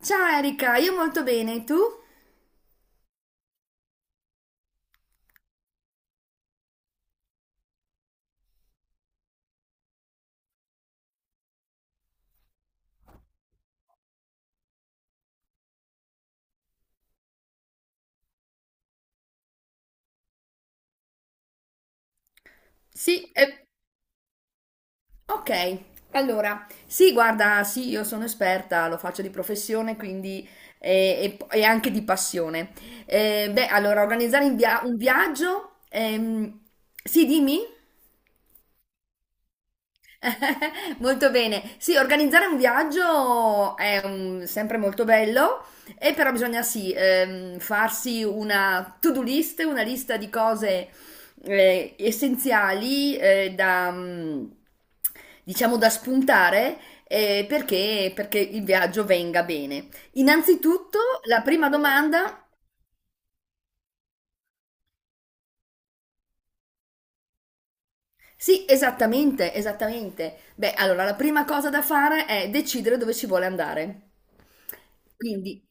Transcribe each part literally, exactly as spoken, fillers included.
Ciao Erika, io molto bene, tu? Sì, eh, ok, allora, sì, guarda, sì, io sono esperta, lo faccio di professione, quindi eh, e, e anche di passione. Eh, beh, allora, organizzare un via- un viaggio, ehm, sì, dimmi? Molto bene. Sì, organizzare un viaggio è mm, sempre molto bello, e però bisogna sì, ehm, farsi una to-do list, una lista di cose eh, essenziali eh, da, mm, diciamo, da spuntare eh, perché, perché il viaggio venga bene. Innanzitutto, la prima domanda. Sì, esattamente, esattamente. Beh, allora la prima cosa da fare è decidere dove si vuole andare. Quindi,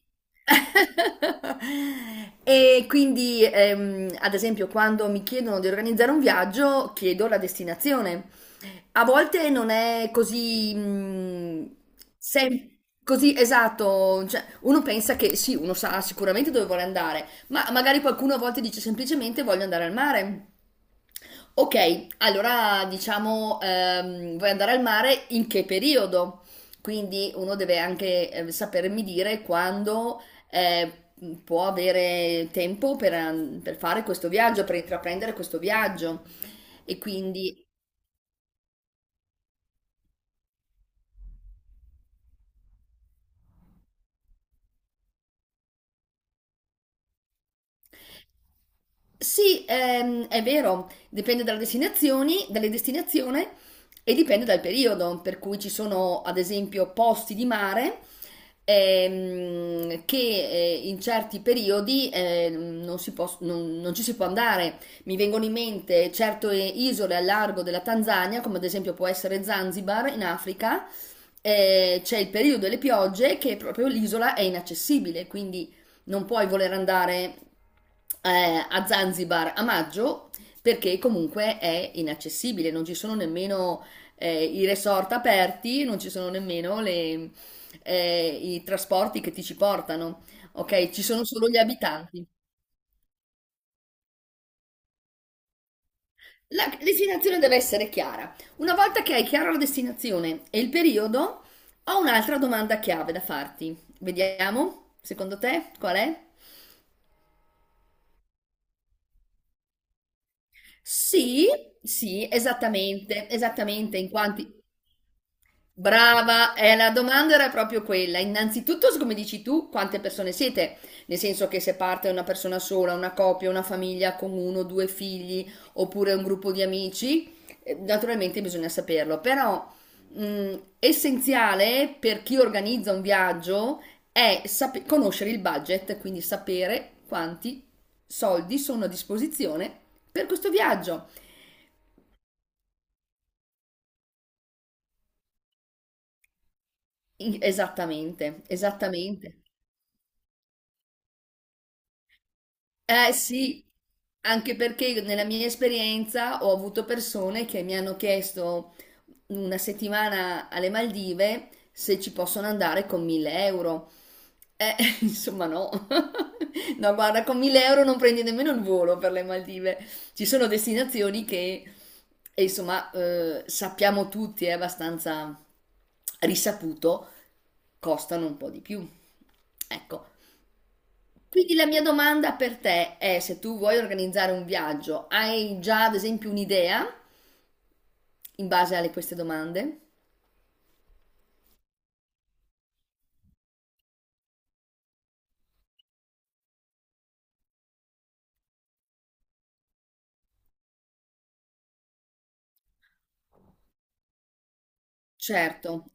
e quindi ehm, ad esempio, quando mi chiedono di organizzare un viaggio, chiedo la destinazione. A volte non è così, mm, sem- così esatto. Cioè, uno pensa che sì, uno sa sicuramente dove vuole andare, ma magari qualcuno a volte dice semplicemente voglio andare al mare. Ok, allora diciamo, ehm, vuoi andare al mare in che periodo? Quindi uno deve anche eh, sapermi dire quando eh, può avere tempo per, an- per fare questo viaggio, per intraprendere questo viaggio. E quindi. Sì, ehm, è vero, dipende dalle destinazioni, dalle destinazioni e dipende dal periodo, per cui ci sono ad esempio posti di mare ehm, che eh, in certi periodi ehm, non si pos- non- non ci si può andare. Mi vengono in mente certe isole al largo della Tanzania, come ad esempio può essere Zanzibar in Africa, eh, c'è il periodo delle piogge che proprio l'isola è inaccessibile, quindi non puoi voler andare eh, a Zanzibar a maggio perché comunque è inaccessibile, non ci sono nemmeno eh, i resort aperti, non ci sono nemmeno le- eh, i trasporti che ti ci portano, ok? Ci sono solo gli abitanti. La destinazione deve essere chiara. Una volta che hai chiara la destinazione e il periodo, ho un'altra domanda chiave da farti. Vediamo, secondo te, qual è? Sì, sì, esattamente, esattamente, in quanti. Brava, eh, la domanda era proprio quella. Innanzitutto, s- come dici tu, quante persone siete? Nel senso che se parte una persona sola, una coppia, una famiglia con uno o due figli, oppure un gruppo di amici, eh, naturalmente bisogna saperlo. Però, mh, essenziale per chi organizza un viaggio è sape- conoscere il budget, quindi sapere quanti soldi sono a disposizione per questo viaggio. I- Esattamente, esattamente. Eh sì, anche perché io nella mia esperienza ho avuto persone che mi hanno chiesto una settimana alle Maldive se ci possono andare con mille euro. Eh, insomma no. No, guarda, con mille euro non prendi nemmeno il volo per le Maldive. Ci sono destinazioni che, eh, insomma, eh, sappiamo tutti, è abbastanza risaputo, costano un po' di più. Ecco. Quindi la mia domanda per te è se tu vuoi organizzare un viaggio, hai già ad esempio un'idea in base a queste domande? Certo,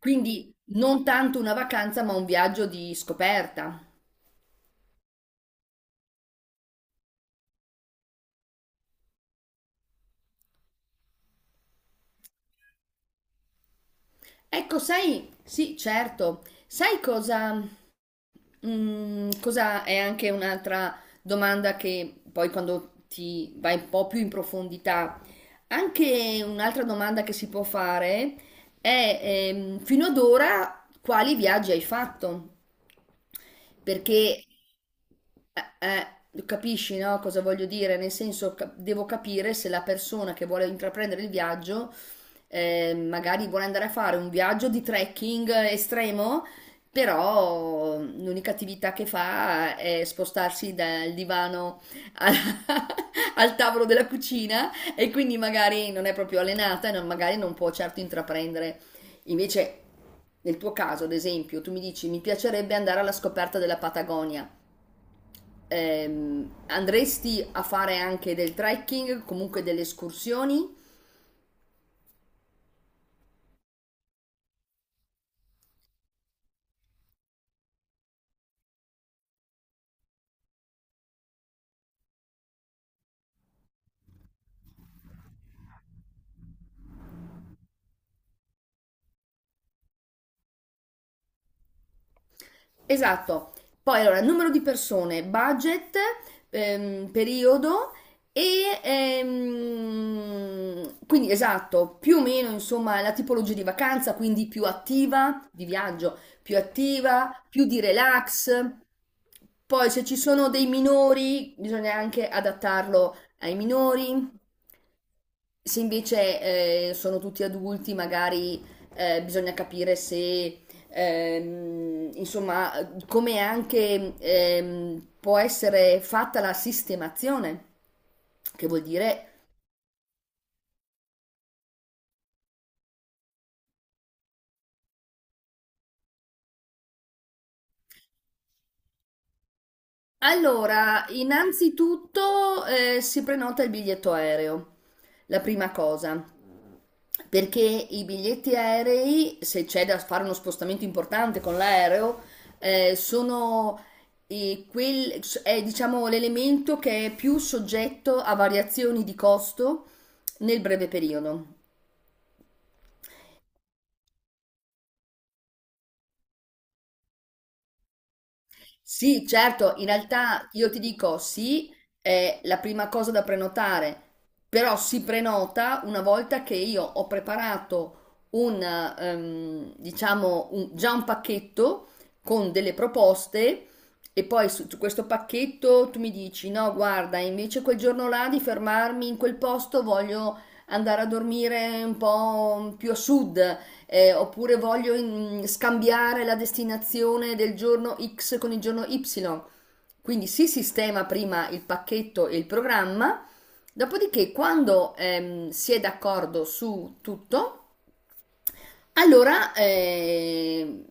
quindi non tanto una vacanza ma un viaggio di scoperta. Ecco, sai, sì, certo, sai cosa? Mm, cosa è anche un'altra domanda che poi quando ti vai un po' più in profondità, anche un'altra domanda che si può fare è ehm, fino ad ora quali viaggi hai fatto? Perché eh, eh, capisci, no, cosa voglio dire? Nel senso, cap- devo capire se la persona che vuole intraprendere il viaggio, eh, magari vuole andare a fare un viaggio di trekking estremo, però l'unica attività che fa è spostarsi dal divano al, al tavolo della cucina e quindi magari non è proprio allenata e non- magari non può certo intraprendere. Invece. Nel tuo caso, ad esempio, tu mi dici mi piacerebbe andare alla scoperta della Patagonia. Ehm, andresti a fare anche del trekking, comunque delle escursioni? Esatto. Poi allora, numero di persone, budget, ehm, periodo e ehm, quindi esatto, più o meno insomma la tipologia di vacanza, quindi più attiva, di viaggio, più attiva, più di relax. Poi se ci sono dei minori, bisogna anche adattarlo ai minori. Se invece eh, sono tutti adulti, magari eh, bisogna capire se, ehm, insomma, come anche ehm, può essere fatta la sistemazione, che vuol dire. Allora, innanzitutto eh, si prenota il biglietto aereo, la prima cosa, perché i biglietti aerei, se c'è da fare uno spostamento importante con l'aereo, eh, sono eh, quel- è, diciamo, l'elemento che è più soggetto a variazioni di costo nel breve periodo. Sì, certo, in realtà io ti dico sì, è la prima cosa da prenotare, però si prenota una volta che io ho preparato un, ehm, diciamo, un- già un pacchetto con delle proposte e poi su, su questo pacchetto tu mi dici no, guarda, invece quel giorno là di fermarmi in quel posto voglio andare a dormire un po' più a sud eh, oppure voglio mm, scambiare la destinazione del giorno ics con il giorno ipsilon. Quindi si sistema prima il pacchetto e il programma, dopodiché quando ehm, si è d'accordo su tutto, allora eh,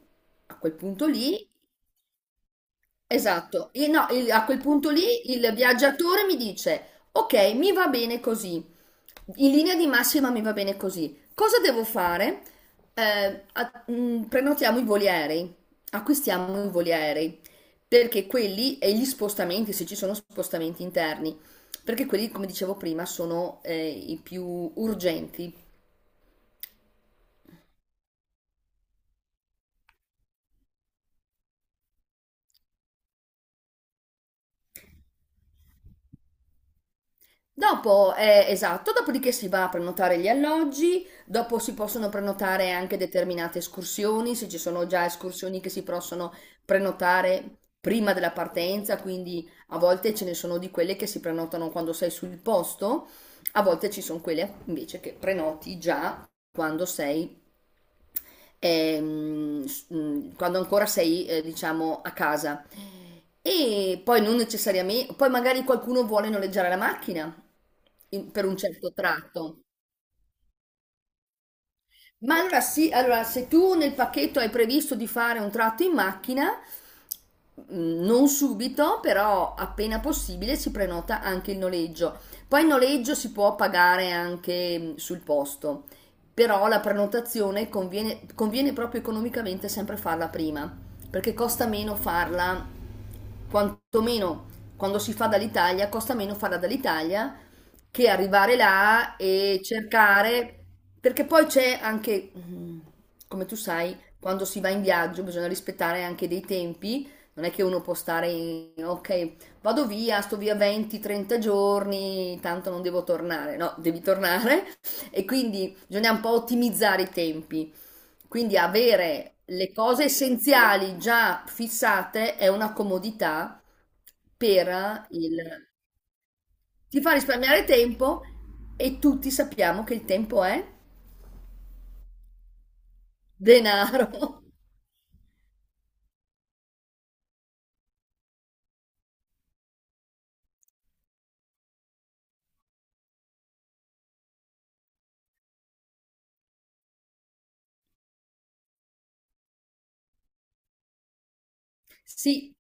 a quel punto lì. Esatto. E no, il- a quel punto lì il viaggiatore mi dice, ok, mi va bene così, in linea di massima mi va bene così, cosa devo fare? Eh, a- mh, prenotiamo i voli aerei, acquistiamo i voli aerei, perché quelli e gli spostamenti, se ci sono spostamenti interni, perché quelli, come dicevo prima, sono eh, i più urgenti. Dopo, eh, esatto, dopodiché si va a prenotare gli alloggi, dopo si possono prenotare anche determinate escursioni, se ci sono già escursioni che si possono prenotare prima della partenza, quindi a volte ce ne sono di quelle che si prenotano quando sei sul posto, a volte ci sono quelle invece che prenoti già quando sei ehm, s- mh, quando ancora sei, eh, diciamo, a casa. E poi non necessariamente, poi magari qualcuno vuole noleggiare la macchina in- per un certo tratto. Ma allora sì, allora se tu nel pacchetto hai previsto di fare un tratto in macchina, mh, non subito, però appena possibile si prenota anche il noleggio. Poi il noleggio si può pagare anche mh, sul posto, però la prenotazione conviene, conviene proprio economicamente sempre farla prima, perché costa meno farla, quantomeno quando si fa dall'Italia, costa meno farla dall'Italia che arrivare là e cercare, perché poi c'è anche, mm, come tu sai, quando si va in viaggio bisogna rispettare anche dei tempi, non è che uno può stare, in- ok, vado via, sto via venti trenta giorni, tanto non devo tornare, no, devi tornare e quindi bisogna un po' ottimizzare i tempi, quindi avere le cose essenziali già fissate è una comodità per il ti fa risparmiare tempo e tutti sappiamo che il tempo è denaro. Sì,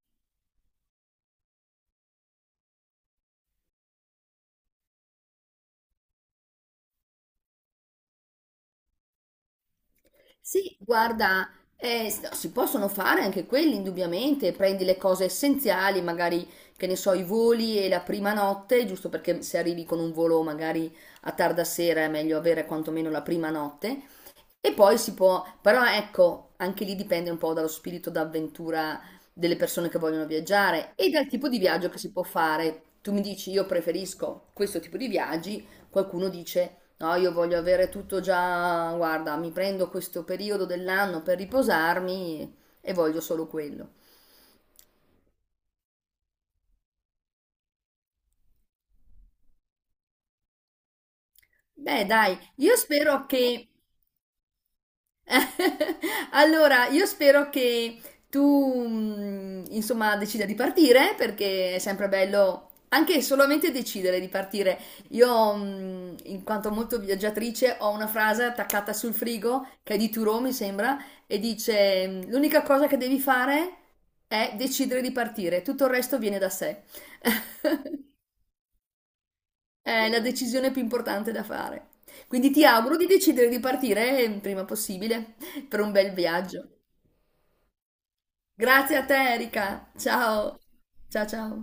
Sì, guarda, eh, s- si possono fare anche quelli, indubbiamente, prendi le cose essenziali, magari, che ne so, i voli e la prima notte, giusto perché se arrivi con un volo magari a tarda sera è meglio avere quantomeno la prima notte. E poi si può, però ecco, anche lì dipende un po' dallo spirito d'avventura delle persone che vogliono viaggiare e dal tipo di viaggio che si può fare. Tu mi dici, io preferisco questo tipo di viaggi. Qualcuno dice no, io voglio avere tutto già, guarda, mi prendo questo periodo dell'anno per riposarmi e voglio solo quello. Beh, dai, io spero che Allora, io spero che tu, mh, insomma, decida di partire perché è sempre bello anche solamente decidere di partire. Io, mh, in quanto molto viaggiatrice, ho una frase attaccata sul frigo che è di Turo, mi sembra, e dice: mh, L'unica cosa che devi fare è decidere di partire, tutto il resto viene da sé. È la decisione più importante da fare. Quindi ti auguro di decidere di partire il prima possibile per un bel viaggio. Grazie a te, Erika. Ciao. Ciao, ciao.